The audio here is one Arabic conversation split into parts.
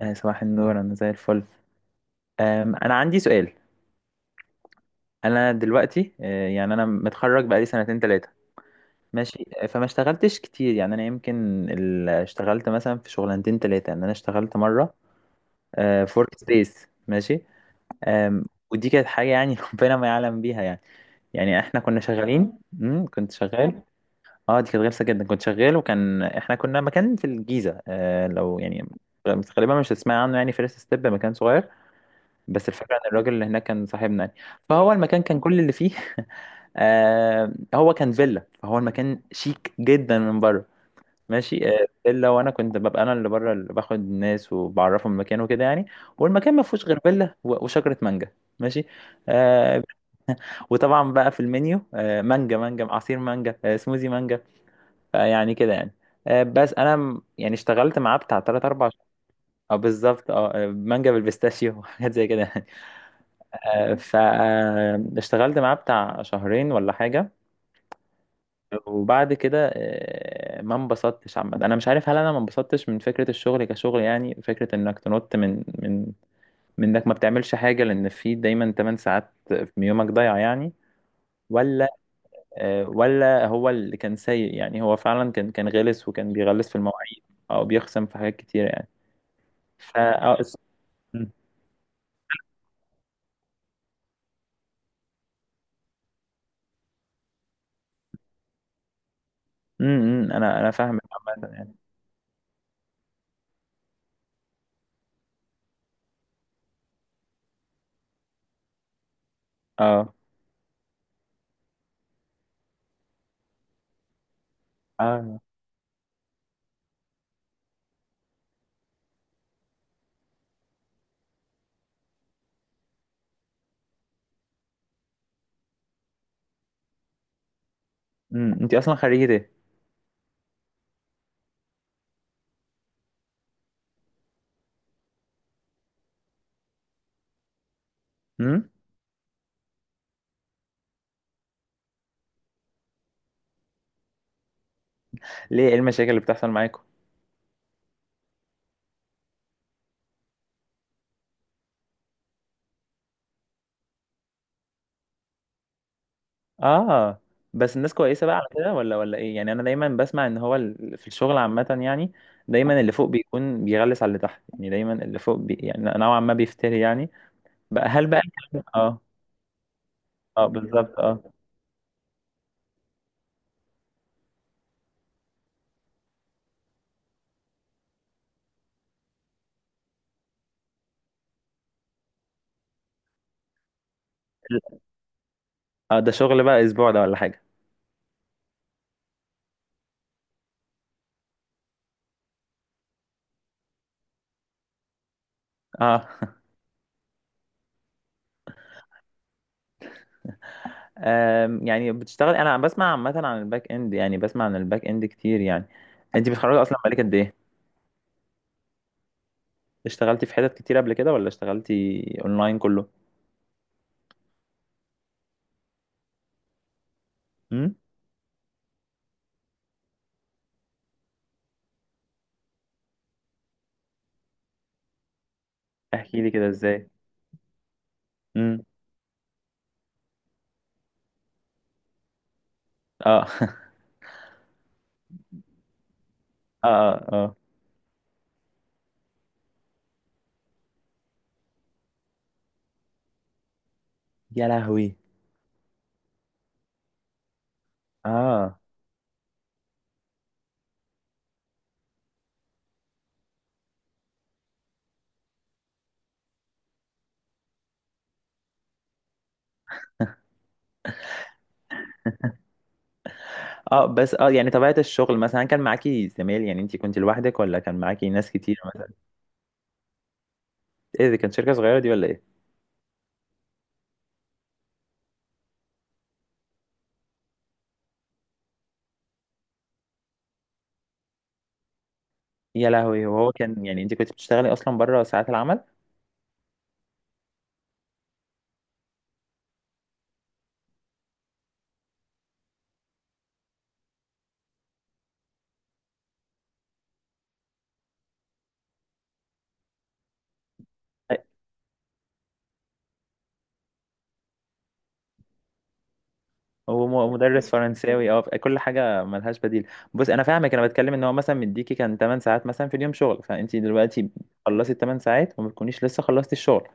صباح النور، انا زي الفل. انا عندي سؤال. انا دلوقتي يعني انا متخرج بقالي سنتين ثلاثه. ماشي، فما اشتغلتش كتير، يعني انا يمكن اشتغلت مثلا في شغلانتين ثلاثه. يعني انا اشتغلت مره في ورك سبيس. ماشي. آم، ودي كانت حاجه يعني ربنا ما يعلم بيها، يعني يعني احنا كنا شغالين، كنت شغال. اه، دي كانت غلسه جدا. كنت شغال، احنا كنا مكان في الجيزه، لو يعني غالبا مش هتسمعي عنه، يعني فيرست ستيب، مكان صغير. بس الفكرة ان الراجل اللي هناك كان صاحبنا يعني، فهو المكان كان كل اللي فيه. هو كان فيلا، فهو المكان شيك جدا من بره. ماشي. فيلا. وانا كنت ببقى انا اللي بره، اللي باخد الناس وبعرفهم المكان وكده يعني. والمكان ما فيهوش غير فيلا وشجرة مانجا. ماشي. آه وطبعا بقى في المنيو، مانجا، مانجا، عصير مانجا، سموزي مانجا. فيعني كده، يعني. بس انا يعني اشتغلت معاه بتاع 3 4. اه، بالظبط. اه، مانجا بالبيستاشيو وحاجات زي كده، يعني. فاشتغلت معاه بتاع شهرين ولا حاجة. وبعد كده، ما انبسطتش عامة. انا مش عارف هل انا ما انبسطتش من فكرة الشغل كشغل، يعني فكرة انك تنط من من انك ما بتعملش حاجة، لان في دايما 8 ساعات من يومك ضايع، يعني. ولا ولا هو اللي كان سيء. يعني هو فعلا كان غلس، وكان بيغلس في المواعيد او بيخصم في حاجات كتيرة، يعني. ف آه، اس- م- م- م، انا فاهمك عامة، يعني. اه، اه، انت اصلا خريجة؟ ايه؟ ليه؟ ايه المشاكل اللي بتحصل معاكم؟ اه، بس الناس كويسه بقى على كده ولا ايه؟ يعني انا دايما بسمع ان هو في الشغل عامه، يعني دايما اللي فوق بيكون بيغلس على اللي تحت، يعني دايما اللي فوق يعني نوعا ما بيفتري، يعني. بقى، هل بقى اه. اه، بالظبط، اه. اه، ده شغل بقى اسبوع ده ولا حاجه؟ اه. يعني بتشتغل. انا بسمع عامه عن الباك اند، يعني بسمع عن الباك اند كتير، يعني. انت متخرجه اصلا بقالك قد ايه؟ اشتغلتي في حتت كتير قبل كده ولا اشتغلتي اونلاين كله؟ امم. احكي لي كده، ازاي؟ امم. اه. اه، اه، اه. يا لهوي! اه، اه، بس اه، يعني طبيعة الشغل مثلا كان معاكي زميل؟ يعني انت كنت لوحدك ولا كان معاكي ناس كتير مثلا؟ ايه دي؟ كان شركة صغيرة دي ولا ايه؟ يا لهوي! وهو كان يعني انت كنت بتشتغلي اصلا بره ساعات العمل؟ أي- هو مدرس فرنساوي. اه، كل حاجة ملهاش بديل. بص، انا فاهمك. انا بتكلم ان هو مثلا مديكي كان 8 ساعات مثلا في اليوم شغل، فانت دلوقتي خلصتي 8 ساعات وما تكونيش لسه خلصتي الشغل.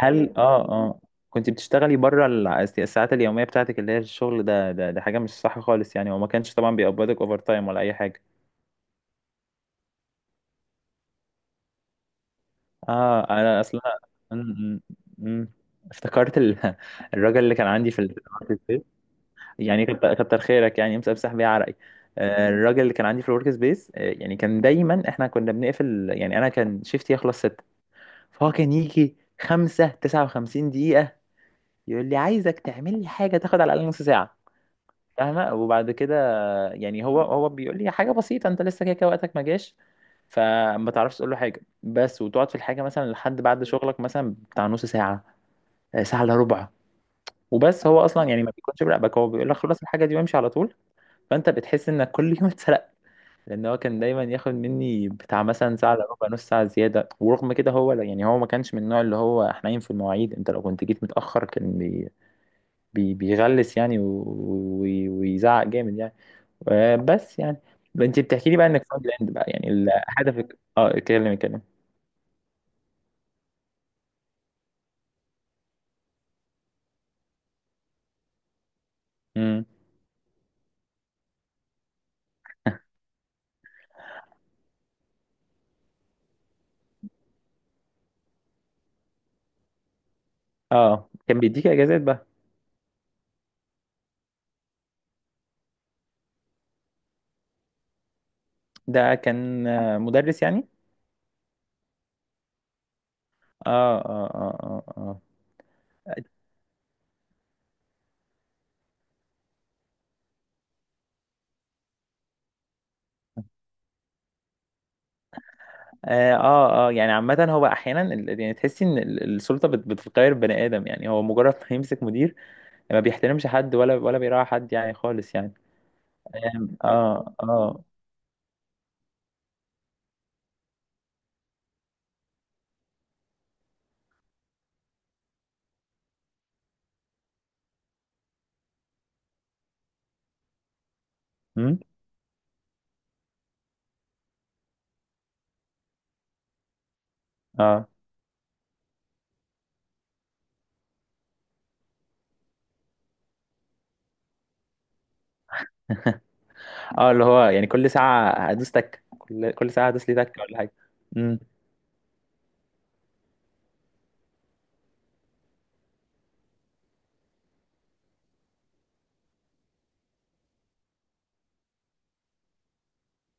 هل اه، اه، كنت بتشتغلي بره الساعات اليومية بتاعتك، اللي هي الشغل ده حاجة مش صح خالص، يعني. وما كانش طبعا بيقبضك اوفر تايم ولا اي حاجة؟ اه. انا اصلا م- م- م. افتكرت الراجل اللي كان عندي في في الورك سبيس. يعني كتر كتر خيرك، يعني مسبسح بيه عرقي. الراجل اللي كان عندي في الورك سبيس، يعني كان دايما، احنا كنا بنقفل. يعني انا كان شيفتي يخلص 6، فهو كان يجي 5:59 يقول لي: عايزك تعمل لي حاجة تاخد على الأقل نص ساعة. فاهمة؟ وبعد كده يعني هو بيقول لي حاجه بسيطه، انت لسه كده كده وقتك ما جاش. فما تعرفش تقول له حاجه، بس وتقعد في الحاجه مثلا لحد بعد شغلك مثلا بتاع نص ساعه، ساعه الا ربع. وبس هو اصلا، يعني ما بيكونش براقبك، هو بيقول لك خلص الحاجه دي وامشي على طول. فانت بتحس انك كل يوم اتسرقت، لان هو كان دايما ياخد مني بتاع مثلا ساعه الا ربع، نص ساعه زياده. ورغم كده هو لا- يعني هو ما كانش من النوع اللي هو حنين في المواعيد، انت لو كنت جيت متاخر كان بيغلس، يعني ويزعق جامد، يعني. بس يعني انت بتحكي لي بقى انك فرونت اند بقى، يعني هدفك. اه، اتكلم، اتكلم. امم. اه، كان بيديك اجازات بقى؟ ده كان مدرس يعني؟ اه، اه، اه، اه، اه. اه، اه، يعني عامة هو احيانا، يعني تحسي ان السلطة بتغير بني ادم، يعني هو مجرد ما يمسك مدير ما بيحترمش حد ولا بيراعي حد يعني خالص، يعني. اه، اه، امم، اه، اه، اللي هو يعني كل ساعة هدوس تك؟ كل ساعة هدوس لي تك ولا حاجة؟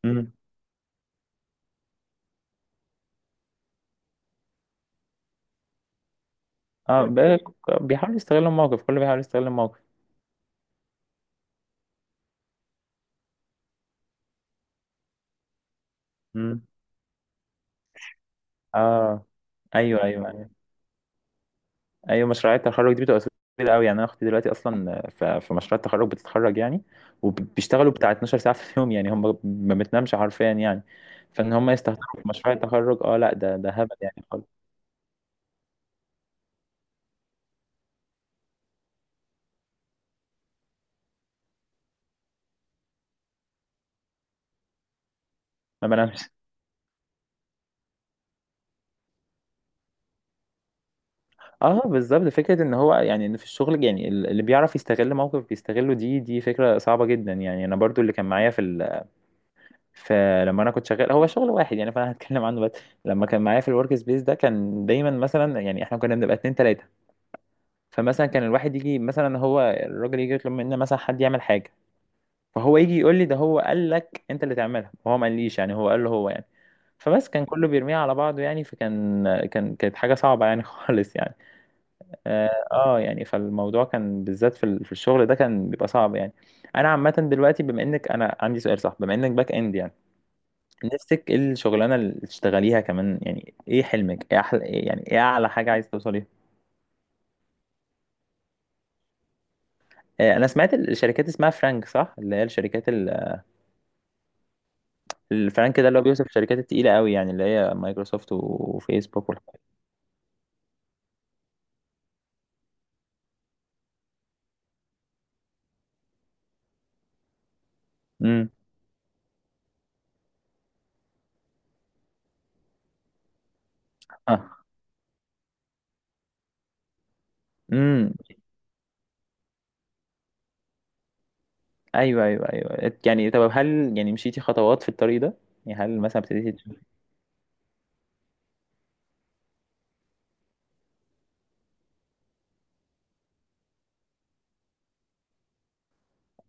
امم. اه، طيب. بقى بيحاول يستغل الموقف، كله بيحاول يستغل الموقف. مم. اه، ايوه، ايوه، ايوه. ايوه، مشروعات التخرج دي بتبقى كتير قوي، يعني انا اختي دلوقتي اصلا في مشروع التخرج بتتخرج، يعني وبيشتغلوا بتاع 12 ساعه في اليوم، يعني هم ما بتنامش حرفيا، يعني. فان هم يستخدموا في مشروع التخرج؟ اه لا، ده هبل يعني خالص. ما بنامش. اه، بالظبط. فكره ان هو يعني ان في الشغل، يعني اللي بيعرف يستغل موقف بيستغله، دي فكره صعبه جدا. يعني انا برضو اللي كان معايا في فلما انا كنت شغال هو شغل واحد، يعني فانا هتكلم عنه بس. لما كان معايا في الورك سبيس ده، كان دايما مثلا، يعني احنا كنا بنبقى اتنين تلاته. فمثلا كان الواحد يجي مثلا، هو الراجل يجي يطلب منا مثلا حد يعمل حاجه، فهو يجي يقول لي: ده هو قال لك انت اللي تعملها، وهو ما قاليش، يعني هو قال له هو يعني. فبس كان كله بيرميها على بعضه، يعني فكان كان كانت حاجه صعبه، يعني خالص، يعني. اه، يعني فالموضوع كان بالذات في في الشغل ده كان بيبقى صعب، يعني. انا عامه دلوقتي، بما انك، انا عندي سؤال صح، بما انك باك اند يعني، نفسك ايه الشغلانه اللي تشتغليها كمان؟ يعني ايه حلمك؟ ايه احلى إيه يعني، ايه اعلى حاجه عايز توصليها؟ انا سمعت الشركات اسمها فرانك، صح، اللي هي الشركات الفرانك ده اللي هو بيوصف الشركات التقيله قوي، يعني اللي هي مايكروسوفت وفيسبوك والحاجات. امم. اه، امم. ايوه، ايوه، ايوه، يعني طب هل يعني مشيتي خطوات في الطريق ده؟ يعني هل مثلا ابتديتي؟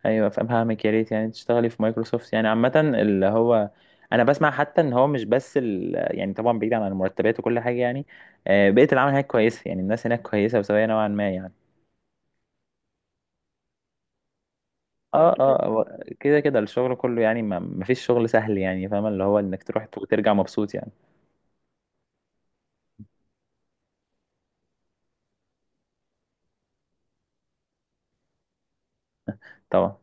ايوه، فاهمك. يا ريت يعني تشتغلي في مايكروسوفت، يعني عامه اللي هو انا بسمع حتى ان هو مش بس يعني طبعا بعيد عن المرتبات وكل حاجه، يعني بيئه العمل هناك كويسه، يعني الناس هناك كويسه وسويه نوعا ما، يعني. اه، اه، هو كده كده الشغل كله، يعني ما فيش شغل سهل، يعني فاهمه اللي هو انك تروح وترجع مبسوط، يعني. طبعا.